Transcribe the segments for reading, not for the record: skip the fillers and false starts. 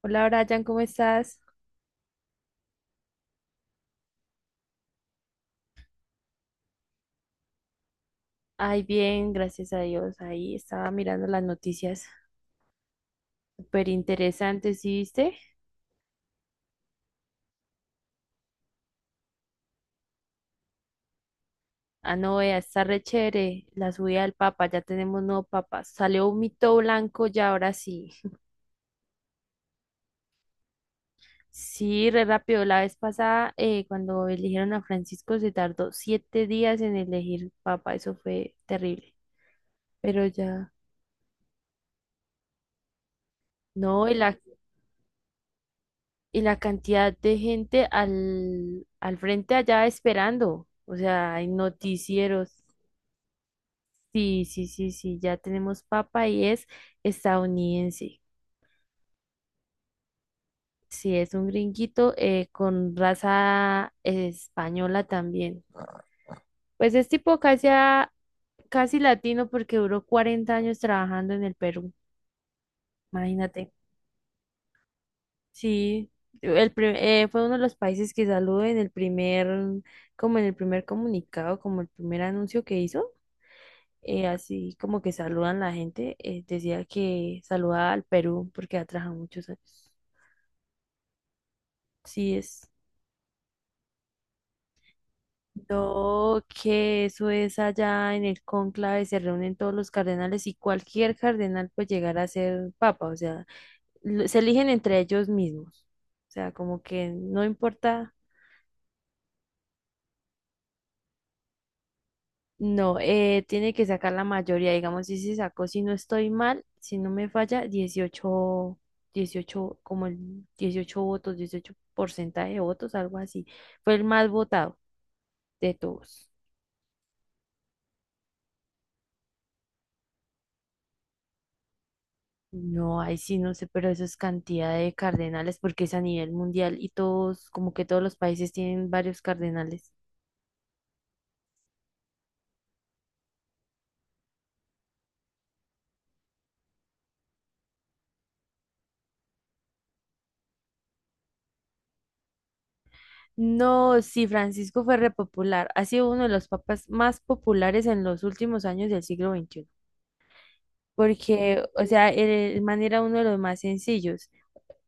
Hola Brian, ¿cómo estás? Ay, bien, gracias a Dios. Ahí estaba mirando las noticias súper interesantes, ¿sí viste? Ah, no, vea, está re chévere la subida del Papa, ya tenemos nuevo Papa. Salió un mito blanco ya, ahora sí. Sí, re rápido. La vez pasada, cuando eligieron a Francisco, se tardó 7 días en elegir Papa, eso fue terrible. Pero ya, no, y la cantidad de gente al frente allá esperando. O sea, hay noticieros. Sí, sí, sí, sí, ya tenemos papa y es estadounidense. Sí, es un gringuito con raza española también. Pues es tipo casi, casi latino porque duró 40 años trabajando en el Perú, imagínate. Sí, fue uno de los países que saludó en el primer, como en el primer comunicado, como el primer anuncio que hizo. Así como que saludan la gente, decía que saludaba al Perú porque ha trabajado muchos años. Sí es. No, que eso es allá en el cónclave, se reúnen todos los cardenales y cualquier cardenal puede llegar a ser papa, o sea, se eligen entre ellos mismos. O sea, como que no importa, no, tiene que sacar la mayoría, digamos, si se sacó, si no estoy mal, si no me falla, dieciocho como el 18 votos, 18 porcentaje de votos, algo así. Fue el más votado de todos. No, ahí sí no sé, pero eso es cantidad de cardenales porque es a nivel mundial y todos, como que todos los países tienen varios cardenales. No, sí, Francisco fue repopular. Ha sido uno de los papas más populares en los últimos años del siglo XXI. Porque, o sea, el man era uno de los más sencillos.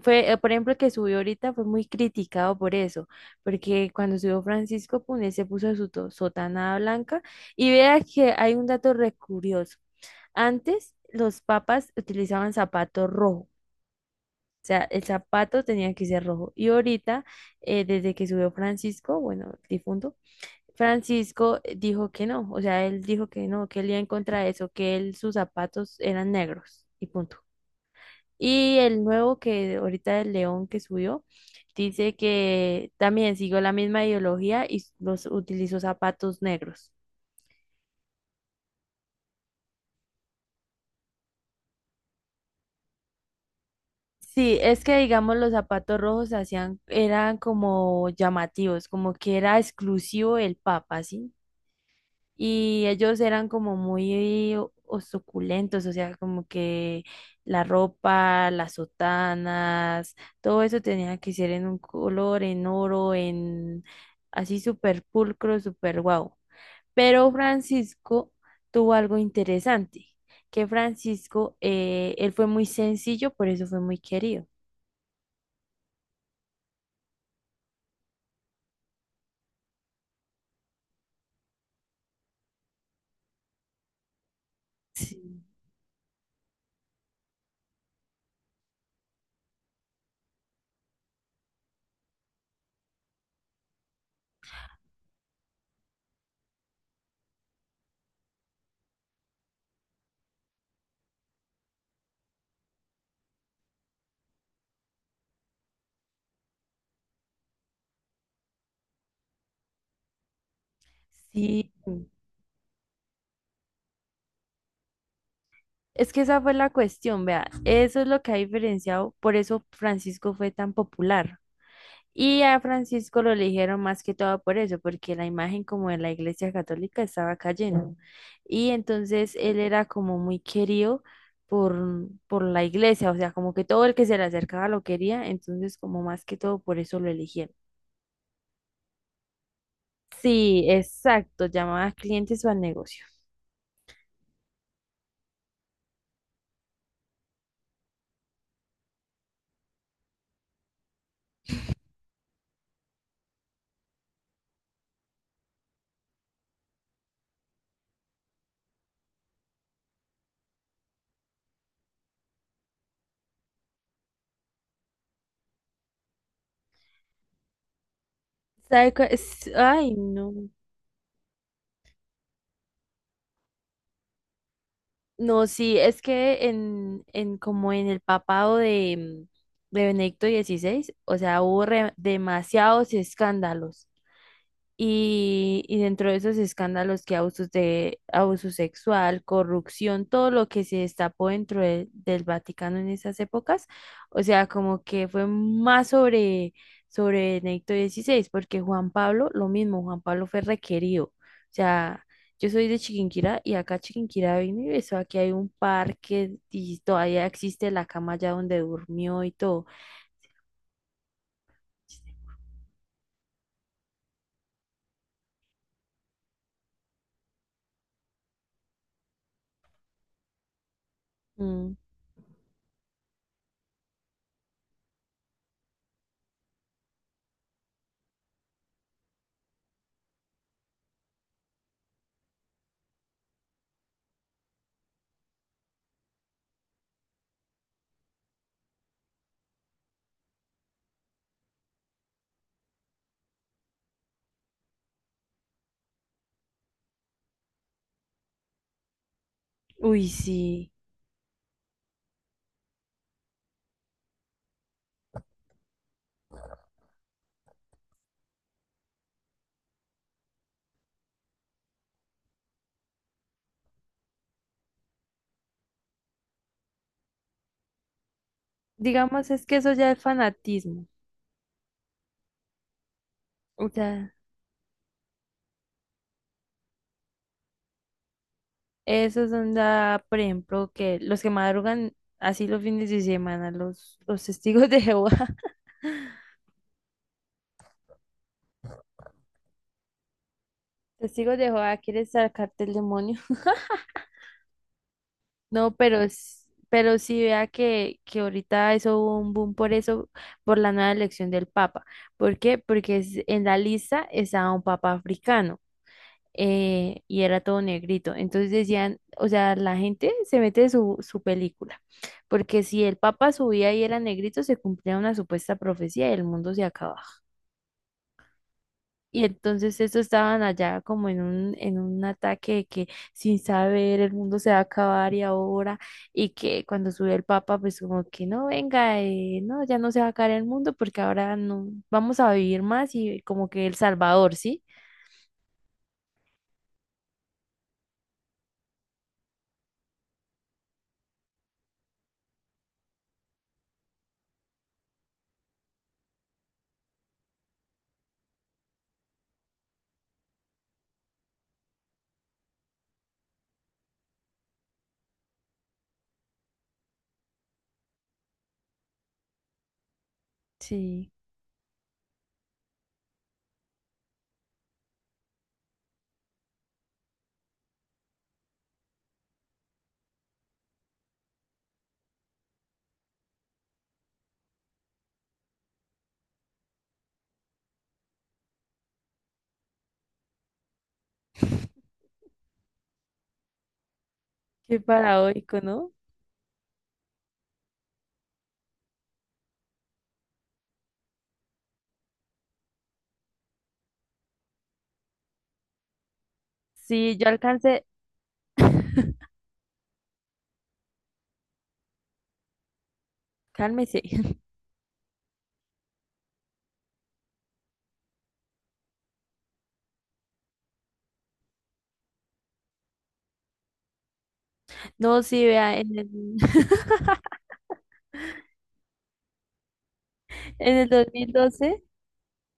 Fue, por ejemplo, el que subió ahorita fue muy criticado por eso. Porque cuando subió Francisco Pune se puso su sotana blanca. Y vea que hay un dato re curioso. Antes los papas utilizaban zapato rojo, o sea, el zapato tenía que ser rojo. Y ahorita, desde que subió Francisco, bueno, el difunto, Francisco dijo que no, o sea, él dijo que no, que él iba en contra de eso, que él, sus zapatos eran negros y punto. Y el nuevo que ahorita el león que subió, dice que también siguió la misma ideología y los utilizó zapatos negros. Sí, es que digamos los zapatos rojos se hacían, eran como llamativos, como que era exclusivo del Papa, ¿sí? Y ellos eran como muy o suculentos, o sea, como que la ropa, las sotanas, todo eso tenía que ser en un color, en oro, en así súper pulcro, súper guau. Pero Francisco tuvo algo interesante, que Francisco, él fue muy sencillo, por eso fue muy querido. Sí, sí, es que esa fue la cuestión, vea, eso es lo que ha diferenciado, por eso Francisco fue tan popular. Y a Francisco lo eligieron más que todo por eso, porque la imagen como de la Iglesia Católica estaba cayendo. Y entonces él era como muy querido por, por la Iglesia, o sea, como que todo el que se le acercaba lo quería, entonces como más que todo por eso lo eligieron. Sí, exacto, llamaba clientes o al negocio. Ay, no. No, sí, es que en como en el papado de, de Benedicto XVI, o sea, hubo demasiados escándalos. Y dentro de esos escándalos que abusos de abuso sexual, corrupción, todo lo que se destapó dentro del Vaticano en esas épocas, o sea, como que fue más sobre, sobre Benedicto XVI porque Juan Pablo, lo mismo, Juan Pablo fue requerido. O sea, yo soy de Chiquinquirá y acá Chiquinquirá vino y besó, aquí hay un parque y todavía existe la cama allá donde durmió y todo. Mm, uy, sí. Digamos, es que eso ya es fanatismo. O sea, esos son, da por ejemplo, que los que madrugan así los fines de semana, los testigos de Jehová. Testigos de Jehová quiere sacarte el demonio. No, pero, pero sí vea que ahorita eso hubo un boom por eso, por la nueva elección del Papa. ¿Por qué? Porque en la lista estaba un Papa africano. Y era todo negrito. Entonces decían, o sea, la gente se mete su, su película, porque si el Papa subía y era negrito, se cumplía una supuesta profecía y el mundo se acababa. Y entonces estos estaban allá como en un ataque de que sin saber el mundo se va a acabar y ahora, y que cuando subió el Papa, pues como que no, venga, no, ya no se va a acabar el mundo porque ahora no, vamos a vivir más y como que el Salvador, ¿sí? Sí, qué paradójico, ¿no? Sí, yo alcancé, cálmese. No, sí, vea, en el 2012.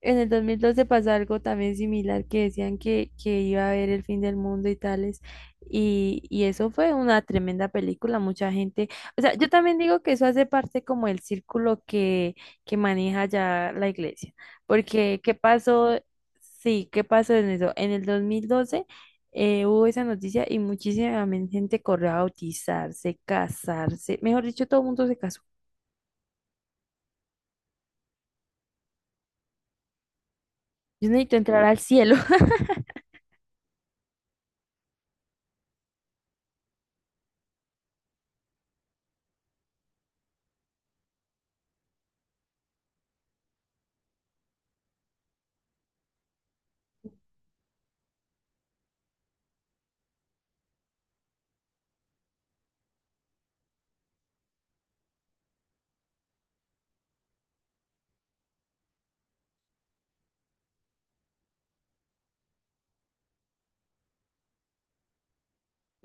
En el 2012 pasó algo también similar que decían que iba a haber el fin del mundo y tales. Y eso fue una tremenda película, mucha gente. O sea, yo también digo que eso hace parte como el círculo que maneja ya la iglesia. Porque, ¿qué pasó? Sí, ¿qué pasó en eso? En el 2012 hubo esa noticia y muchísima gente corrió a bautizarse, casarse. Mejor dicho, todo el mundo se casó. Yo necesito entrar al cielo.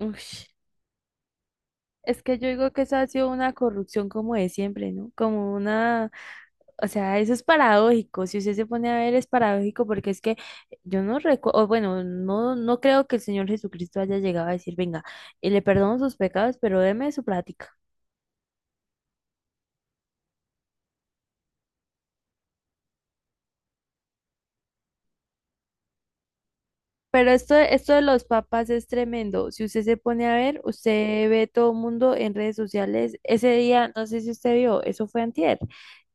Ush. Es que yo digo que eso ha sido una corrupción como de siempre, ¿no? Como una, o sea, eso es paradójico. Si usted se pone a ver, es paradójico porque es que yo no recuerdo, bueno, no, no creo que el Señor Jesucristo haya llegado a decir, venga, le perdono sus pecados, pero deme su plática. Pero esto de los papas es tremendo. Si usted se pone a ver, usted ve todo el mundo en redes sociales. Ese día, no sé si usted vio, eso fue antier,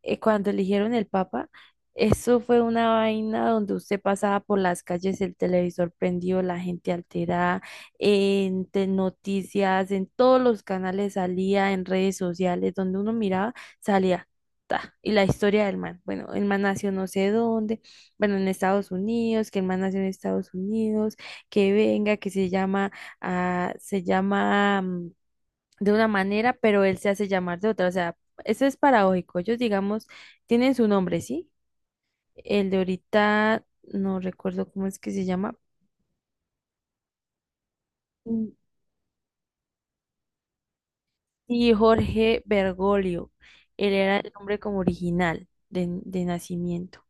cuando eligieron el papa, eso fue una vaina donde usted pasaba por las calles, el televisor prendido, la gente alterada, noticias, en todos los canales salía, en redes sociales, donde uno miraba, salía. Ta, y la historia del man. Bueno, el man nació no sé dónde bueno, en Estados Unidos, que el man nació en Estados Unidos, que venga, que se llama, ah, se llama de una manera, pero él se hace llamar de otra. O sea, eso es paradójico. Ellos, digamos, tienen su nombre, ¿sí? El de ahorita, no recuerdo cómo es que se llama. Mm, sí, Jorge Bergoglio. Él era el nombre como original de nacimiento.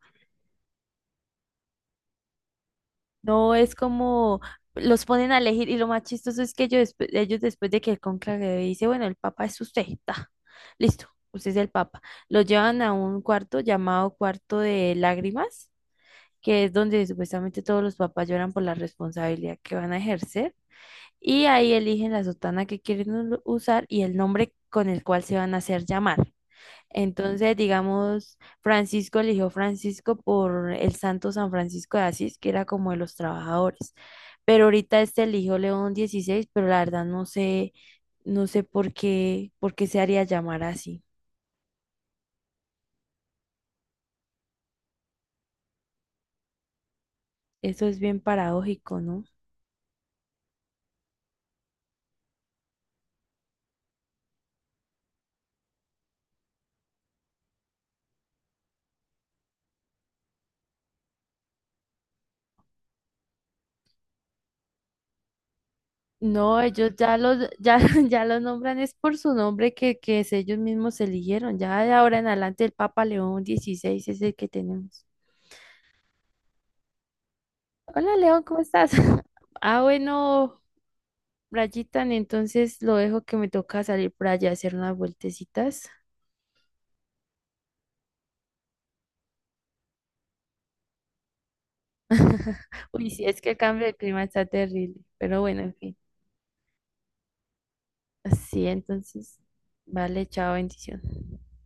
No, es como los ponen a elegir y lo más chistoso es que ellos, ellos después de que el cónclave dice, bueno, el papa es usted, ta, listo, usted es el papa. Lo llevan a un cuarto llamado cuarto de lágrimas, que es donde supuestamente todos los papas lloran por la responsabilidad que van a ejercer y ahí eligen la sotana que quieren usar y el nombre con el cual se van a hacer llamar. Entonces, digamos, Francisco eligió Francisco por el santo San Francisco de Asís, que era como de los trabajadores. Pero ahorita este eligió León XVI pero la verdad no sé, no sé por qué se haría llamar así. Eso es bien paradójico, ¿no? No, ellos ya ya los nombran, es por su nombre que es ellos mismos eligieron. Ya de ahora en adelante el Papa León XVI es el que tenemos. Hola León, ¿cómo estás? Ah, bueno, Brayitan, entonces lo dejo que me toca salir por allá a hacer unas vueltecitas. Uy, sí, es que el cambio de clima está terrible, pero bueno, en fin. Así, entonces, vale, chao, bendición.